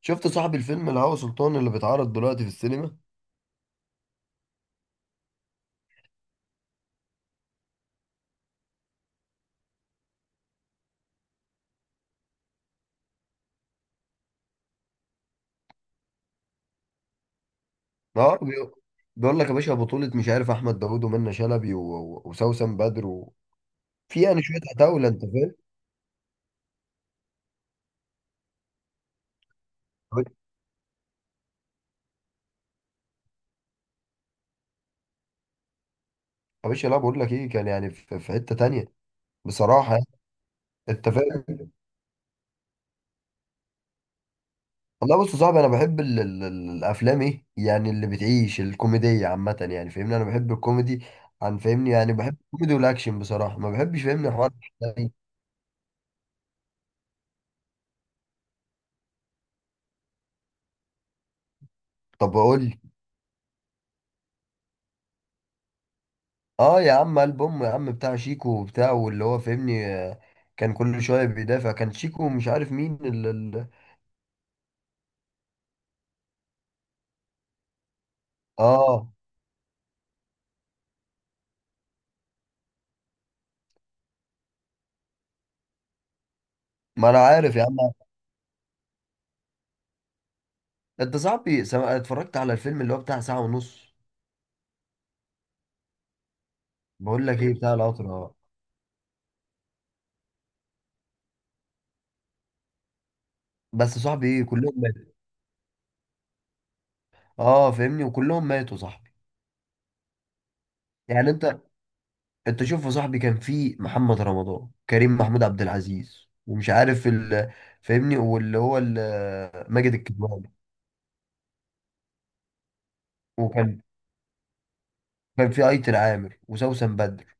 شفت صاحب الفيلم الهوى سلطان اللي بيتعرض دلوقتي في السينما؟ اه، بيقول لك يا باشا بطولة مش عارف احمد داوود ومنة شلبي وسوسن بدر وفي يعني شوية عتاولة، انت فاهم. يا باشا، لا بقول لك ايه، كان يعني في حتة تانية، بصراحة يعني. انت فاهم؟ والله بص يا صاحبي، انا بحب الافلام، ايه يعني اللي بتعيش الكوميدية عامة، يعني فاهمني، انا بحب الكوميدي، عن فاهمني، يعني بحب الكوميدي والاكشن، بصراحة ما بحبش فاهمني حوار. طب قول لي. اه يا عم، البوم يا عم بتاع شيكو وبتاع واللي هو فاهمني، كان كل شويه بيدافع، كان شيكو ومش عارف مين اه ما انا عارف يا عم. انت صاحبي اتفرجت على الفيلم اللي هو بتاع ساعه ونص. بقول لك ايه، بتاع القطر، اه. بس صاحبي، ايه كلهم ماتوا. اه فاهمني، وكلهم ماتوا صاحبي. يعني انت شوف يا صاحبي، كان في محمد رمضان، كريم، محمود عبد العزيز، ومش عارف ال، فاهمني، واللي هو ماجد الكدواني. وكان كان في ايتن عامر وسوسن بدر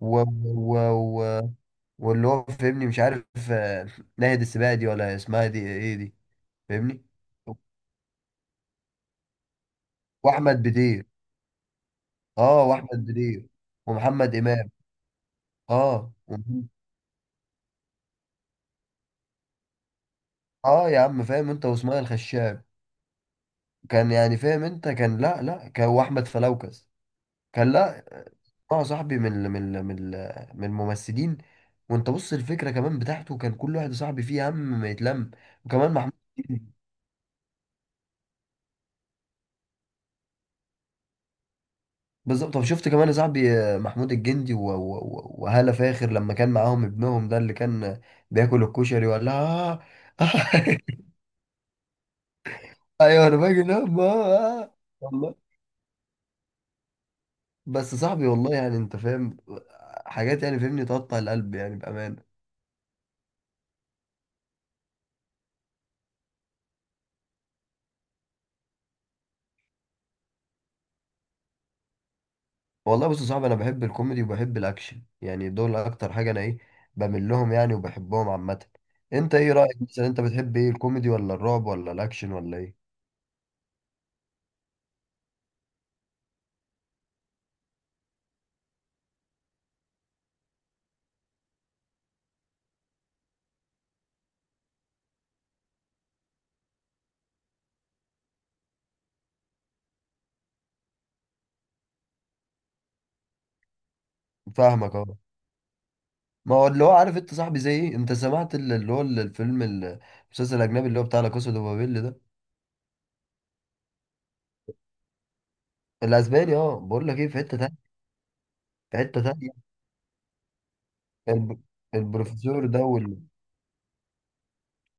و... و... و... واللي هو فاهمني، مش عارف، آه، ناهد السباعي دي، ولا اسمها دي ايه دي، فاهمني. واحمد بدير، اه واحمد بدير ومحمد امام. اه اه يا عم، فاهم انت، واسماعيل الخشاب، كان يعني فاهم انت، كان لا لا، كان واحمد فلوكس كان. لا، اه صاحبي، من الممثلين. وانت بص، الفكره كمان بتاعته كان كل واحد صاحبي فيه هم ما يتلم. وكمان محمود، بالظبط. طب شفت كمان يا صاحبي، محمود الجندي وهالة فاخر، لما كان معاهم ابنهم ده اللي كان بياكل الكشري، ولا آه آه. ايوه، انا باجي انام، آه. آه. والله، بس صاحبي، والله يعني انت فاهم، حاجات يعني فاهمني تقطع القلب، يعني بامانه. والله بص يا صاحبي، انا بحب الكوميدي وبحب الاكشن، يعني دول اكتر حاجه انا ايه بميل لهم يعني، وبحبهم عامه. انت ايه رايك؟ مثلا انت بتحب ايه، الكوميدي ولا الرعب ولا الاكشن ولا ايه؟ فاهمك اهو. ما هو اللي هو عارف انت صاحبي زي ايه، انت سمعت اللي هو الفيلم المسلسل الاجنبي اللي هو بتاع لا كاسا دو بابيل ده؟ الاسباني، اه. بقول لك ايه، في حته تانية، في حته تانية. الب... البروفيسور ده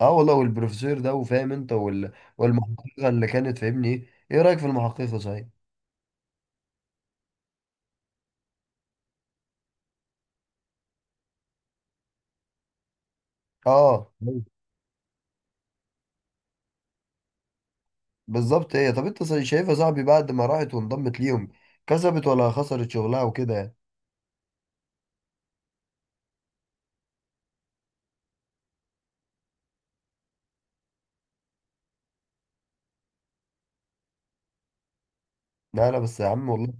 اه والله، والبروفيسور ده وفاهم انت والمحققه اللي كانت فاهمني، ايه رايك في المحققه، صحيح؟ اه، أيوة. بالظبط. ايه، طب انت شايفها صاحبي، بعد ما راحت وانضمت ليهم، كسبت ولا خسرت شغلها وكده، يعني. لا لا، بس يا عم، والله.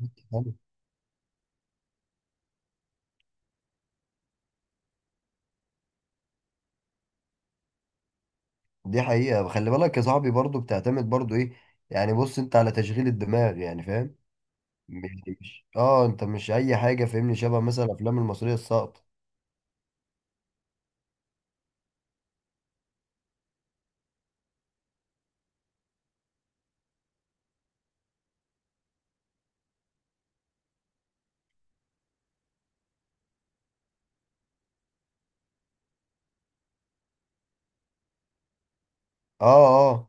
دي حقيقة. خلي بالك يا صاحبي، برضو بتعتمد برضو ايه، يعني بص انت على تشغيل الدماغ، يعني فاهم؟ مش انت، مش اي حاجة فاهمني، شبه مثلا الافلام المصرية الساقطة. اه، اه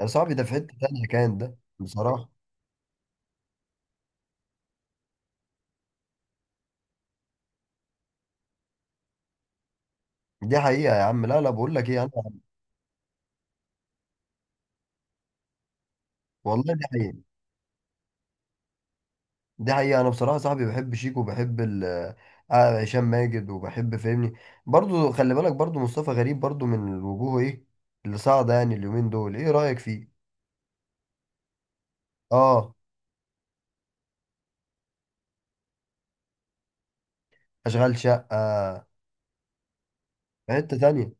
يا صاحبي، ده في حتة تانية، كان ده بصراحة. دي حقيقة يا عم. لا لا، بقول لك ايه انا، والله، دي حقيقة. دي حقيقة، انا بصراحة يا صاحبي بحب شيكو وبحب ال، هشام ماجد، وبحب فاهمني، برضو خلي بالك برضو مصطفى غريب برضو من الوجوه ايه اللي صاعدة، يعني اليومين دول. ايه رأيك فيه؟ اه، اشغال شقة، في حتة تانية،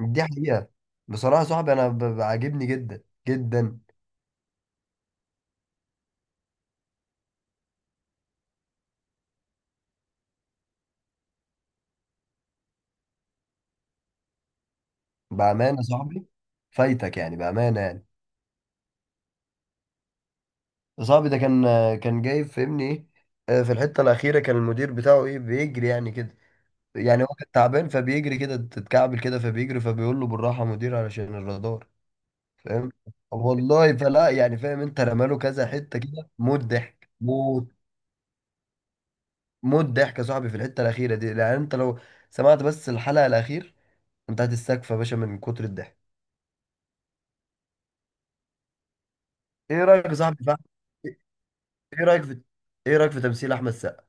دي حقيقة. بصراحة يا صاحبي، أنا بعجبني جدا جدا بأمانة. يا صاحبي فايتك، يعني بأمانة يعني. صاحبي ده كان، كان جاي فهمني إيه، في الحتة الأخيرة كان المدير بتاعه إيه بيجري يعني كده، يعني هو كان تعبان فبيجري كده، تتكعبل كده فبيجري، فبيقول له بالراحة يا مدير علشان الرادار، فاهم. والله فلا يعني فاهم أنت، رماله كذا حتة كده، موت ضحك موت، موت ضحك يا صاحبي. في الحتة الأخيرة دي، يعني أنت لو سمعت بس الحلقة الأخيرة، من تحت السقف يا باشا من كتر الضحك. ايه رايك يا صاحبي بقى؟ ايه رايك في، ايه رايك في تمثيل احمد سقا؟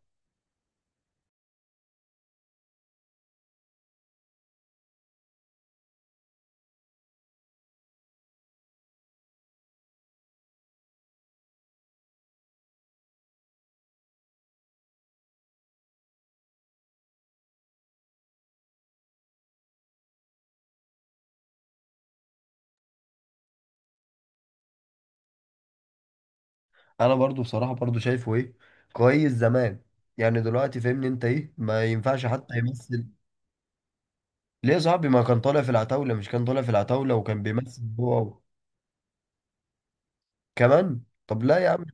انا برضو بصراحه، برضو شايفه ايه كويس زمان، يعني دلوقتي فاهمني، انت ايه، ما ينفعش حتى يمثل. ليه يا صاحبي؟ ما كان طالع في العتاوله، مش كان طالع في العتاوله وكان بيمثل، هو كمان. طب، لا يا عم.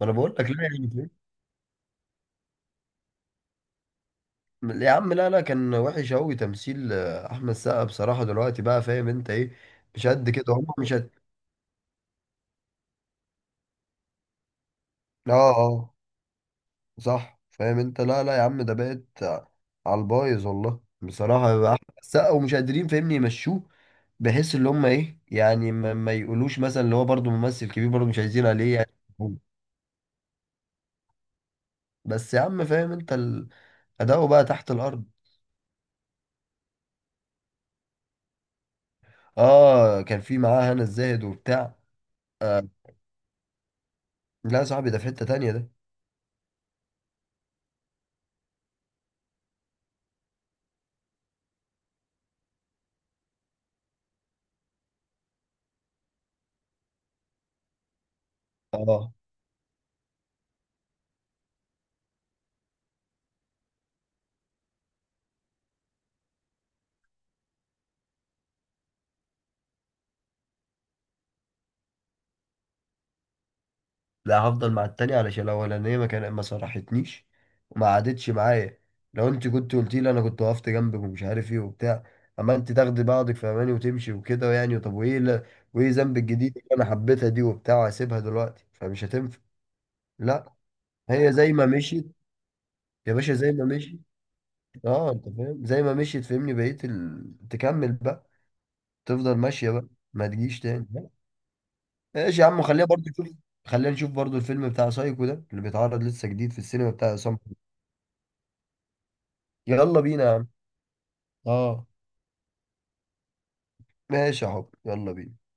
ما انا بقول لك، لا يعني فاهم؟ يا عم لا لا، كان وحش قوي تمثيل احمد سقا بصراحه، دلوقتي بقى فاهم انت ايه، مش قد كده، هم مش قد. اه، اه، صح فاهم انت. لا لا يا عم، ده بقت على البايظ والله، بصراحة بقى أحمد السقا ومش قادرين فاهمني يمشوه، بحيث اللي هم ايه، يعني ما يقولوش مثلا اللي هو برضه ممثل كبير برضه، مش عايزين عليه يعني. بس يا عم، فاهم انت اداؤه بقى تحت الارض. اه، كان في معاه هنا الزاهد وبتاع، آه. لا يا صاحبي، ده في حتة تانية ده. اه، لا، هفضل مع التانية علشان الأولانية ما صرحتنيش، وما قعدتش معايا. لو انت كنت قلتي لي، انا كنت وقفت جنبك ومش عارف ايه وبتاع، اما انت تاخدي بعضك في اماني وتمشي وكده، يعني. طب وايه؟ لا، وايه ذنب الجديد اللي انا حبيتها دي وبتاع، وهسيبها دلوقتي فمش هتنفع. لا، هي زي ما مشيت. يا باشا، زي ما مشيت. اه، انت فاهم، زي ما مشيت فهمني، بقيت تكمل بقى، تفضل ماشية بقى. ما تجيش تاني، لا. ماشي يا عم، خليها برضه تشوف. خلينا نشوف برضو الفيلم بتاع سايكو ده، اللي بيتعرض لسه جديد في السينما، بتاع عصام. يلا بينا يا عم. اه، ماشي يا حب، يلا بينا.